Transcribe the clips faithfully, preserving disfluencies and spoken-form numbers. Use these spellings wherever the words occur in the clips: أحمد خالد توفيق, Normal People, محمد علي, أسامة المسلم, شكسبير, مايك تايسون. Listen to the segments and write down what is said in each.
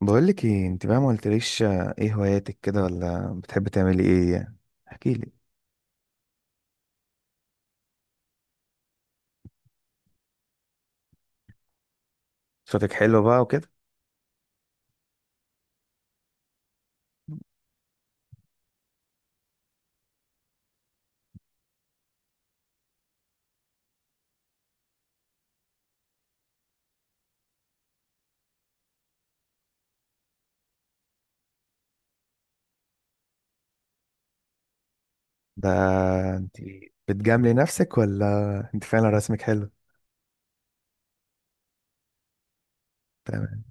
بقولك ايه انت بقى، ما قلتليش، آه، ايه هواياتك كده ولا بتحب تعملي ايه يعني؟ احكيلي. صوتك حلو بقى وكده. ده انت بتجاملي نفسك ولا انت فعلا رسمك حلو؟ تمام.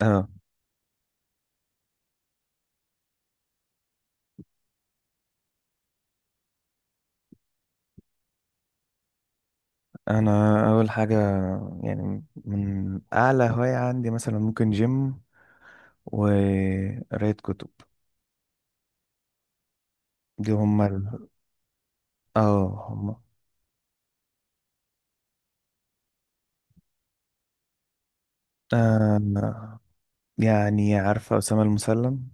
اه، انا اول حاجة يعني من اعلى هواية عندي مثلا ممكن جيم وقراية كتب. دي هما ال... اه هما. آه يعني عارفة أسامة المسلم؟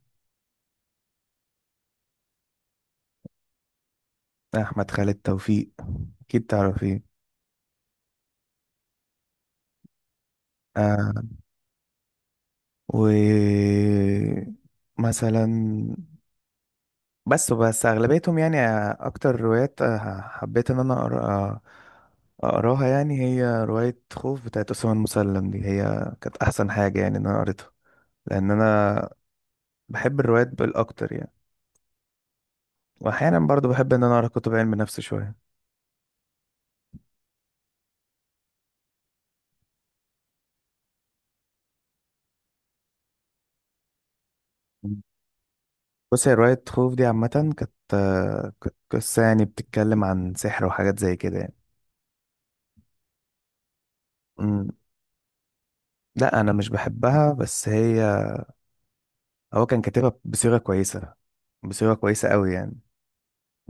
أحمد خالد توفيق أكيد تعرفيه. ومثلا بس بس أغلبيتهم يعني أكتر روايات حبيت إن أنا أقرأ أقراها، يعني هي رواية خوف بتاعت أسامة المسلم دي هي كانت أحسن حاجة يعني إن أنا قريتها، لأن أنا بحب الروايات بالأكتر يعني. وأحيانا برضو بحب إن أنا أقرأ كتب علم نفس شوية. بص هي رواية خوف دي عامة كانت كانت قصة يعني بتتكلم عن سحر وحاجات زي كده يعني. أمم، لا أنا مش بحبها، بس هي هو كان كاتبها بصيغة كويسة بصيغة كويسة قوي يعني،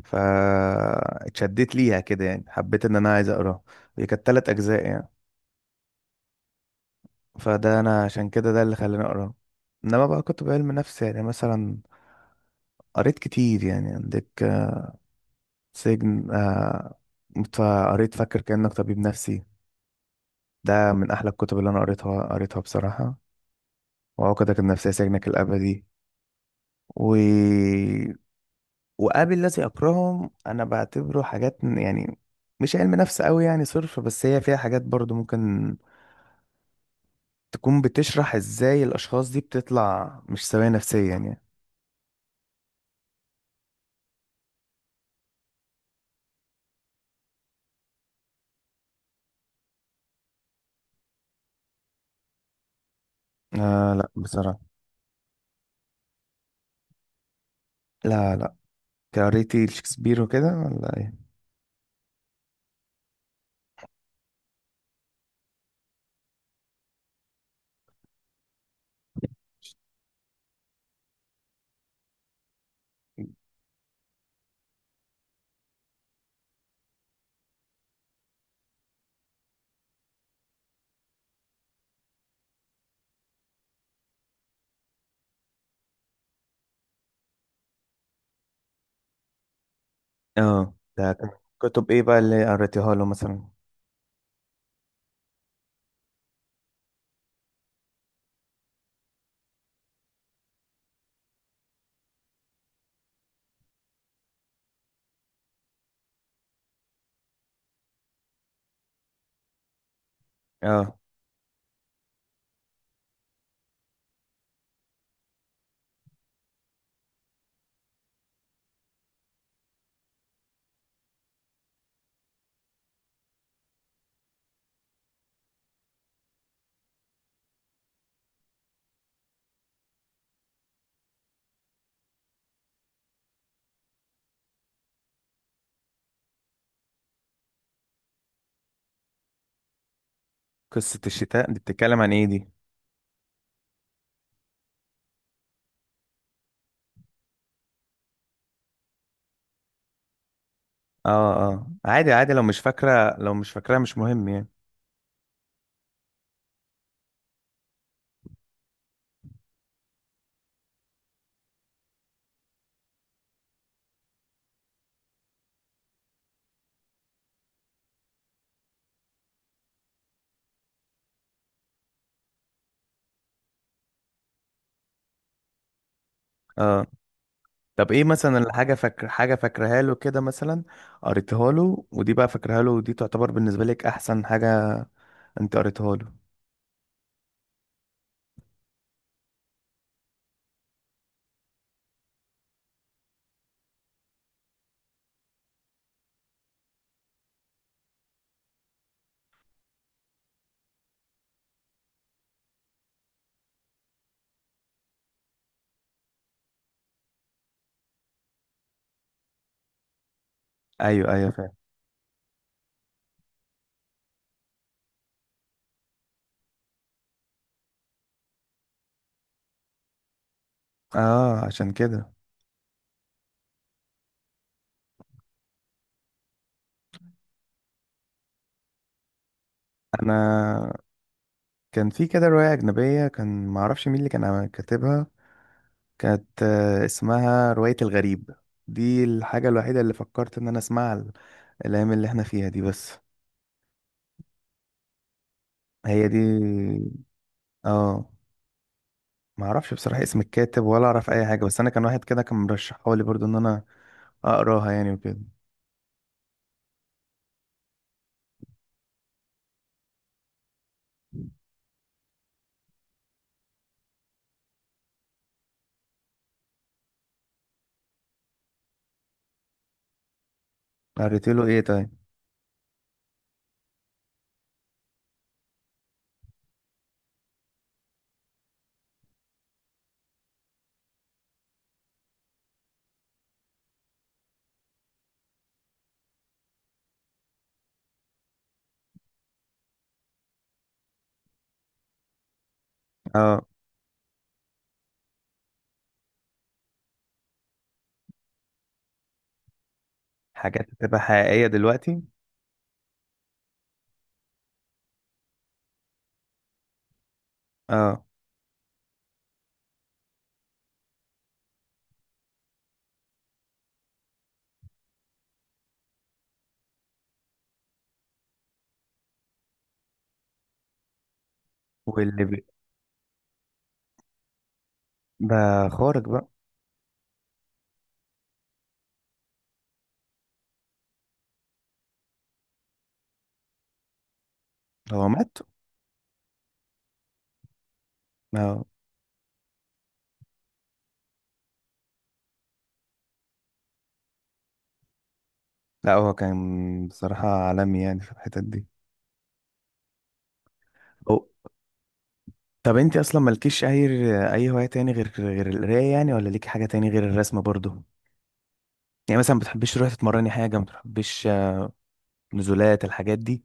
فاتشدت ليها كده يعني حبيت ان انا عايز اقراه. هي كانت تلات اجزاء يعني، فده انا عشان كده ده اللي خلاني اقراه. انما بقى كنت بعلم نفس يعني مثلا قريت كتير، يعني عندك آه، سجن، آه، فقريت فاكر كأنك طبيب نفسي، ده من احلى الكتب اللي انا قريتها قريتها بصراحة، وعقدك النفسية سجنك الابدي، و وقابل الذي أكرههم. أنا بعتبره حاجات م- يعني مش علم نفس أوي يعني صرف، بس هي فيها حاجات برضو ممكن تكون بتشرح إزاي الأشخاص دي بتطلع مش سوية نفسيا يعني. آه، لا بصراحة. لا، لا. قريتي شكسبير وكده ولا إيه؟ اه ده كان. كتب إيه بقى اللي قريتيها له مثلا؟ اه، قصة الشتاء دي بتتكلم عن إيه دي؟ اه، اه، عادي، عادي، لو مش فاكرة لو مش فاكراها مش مهم يعني. اه، طب ايه مثلا الحاجة فاكر حاجة فاكرها له كده مثلا؟ قريتها له ودي بقى فاكرها له ودي تعتبر بالنسبة لك احسن حاجة انت قريتها له؟ ايوه، ايوه، فاهم. اه عشان كده. انا كان في كده رواية اجنبية كان معرفش مين اللي كان كاتبها، كانت آه، اسمها رواية الغريب، دي الحاجة الوحيدة اللي فكرت ان انا اسمعها ال- الايام اللي احنا فيها دي، بس هي دي. اه، معرفش بصراحة اسم الكاتب ولا اعرف اي حاجة، بس انا كان واحد كده كان مرشحها لي برضو ان انا اقراها يعني وكده. قريت له ايه طيب؟ اه، حاجات بتبقى حقيقية دلوقتي. اه، واللي بي... بقى خارج بقى. هو مات؟ اه، لا، هو كان بصراحة عالمي يعني في الحتت دي. أو... طب انت اصلا مالكيش اي اي هواية تاني غير غير القراية يعني؟ ولا ليك حاجة تاني غير الرسم برضو؟ يعني مثلا ما بتحبيش تروحي تتمرني حاجة، ما بتحبيش آه، نزولات الحاجات دي؟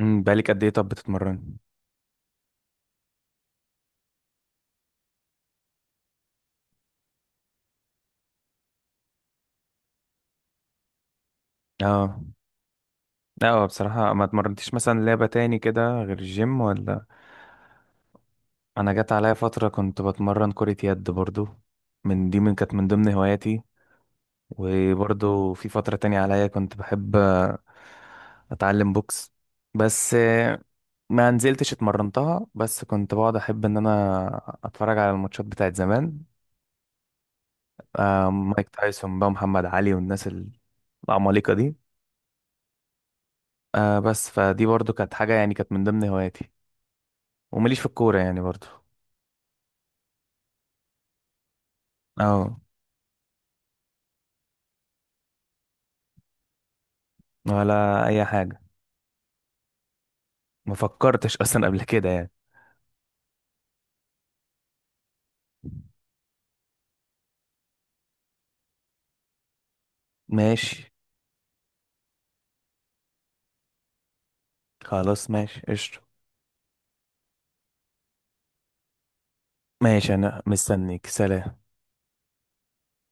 امم بقالك قد ايه طب بتتمرني؟ اه. لا هو بصراحة ما اتمرنتيش مثلا لعبة تاني كده غير الجيم ولا؟ انا جت عليا فتره كنت بتمرن كره يد برضو، من دي من كانت من ضمن هواياتي. وبرضو في فتره تانية عليا كنت بحب آه، اتعلم بوكس، بس آه، ما نزلتش اتمرنتها، بس كنت بقعد احب ان انا اتفرج على الماتشات بتاعت زمان، آه، مايك تايسون بقى، محمد علي، والناس العمالقه دي. آه، بس فدي برضو كانت حاجه يعني كانت من ضمن هواياتي، ومليش في الكوره يعني برضو. اه، ولا اي حاجه، ما فكرتش اصلا قبل كده يعني. ماشي. خلاص، ماشي قشطة. ماشي، أنا مستنيك، سلام.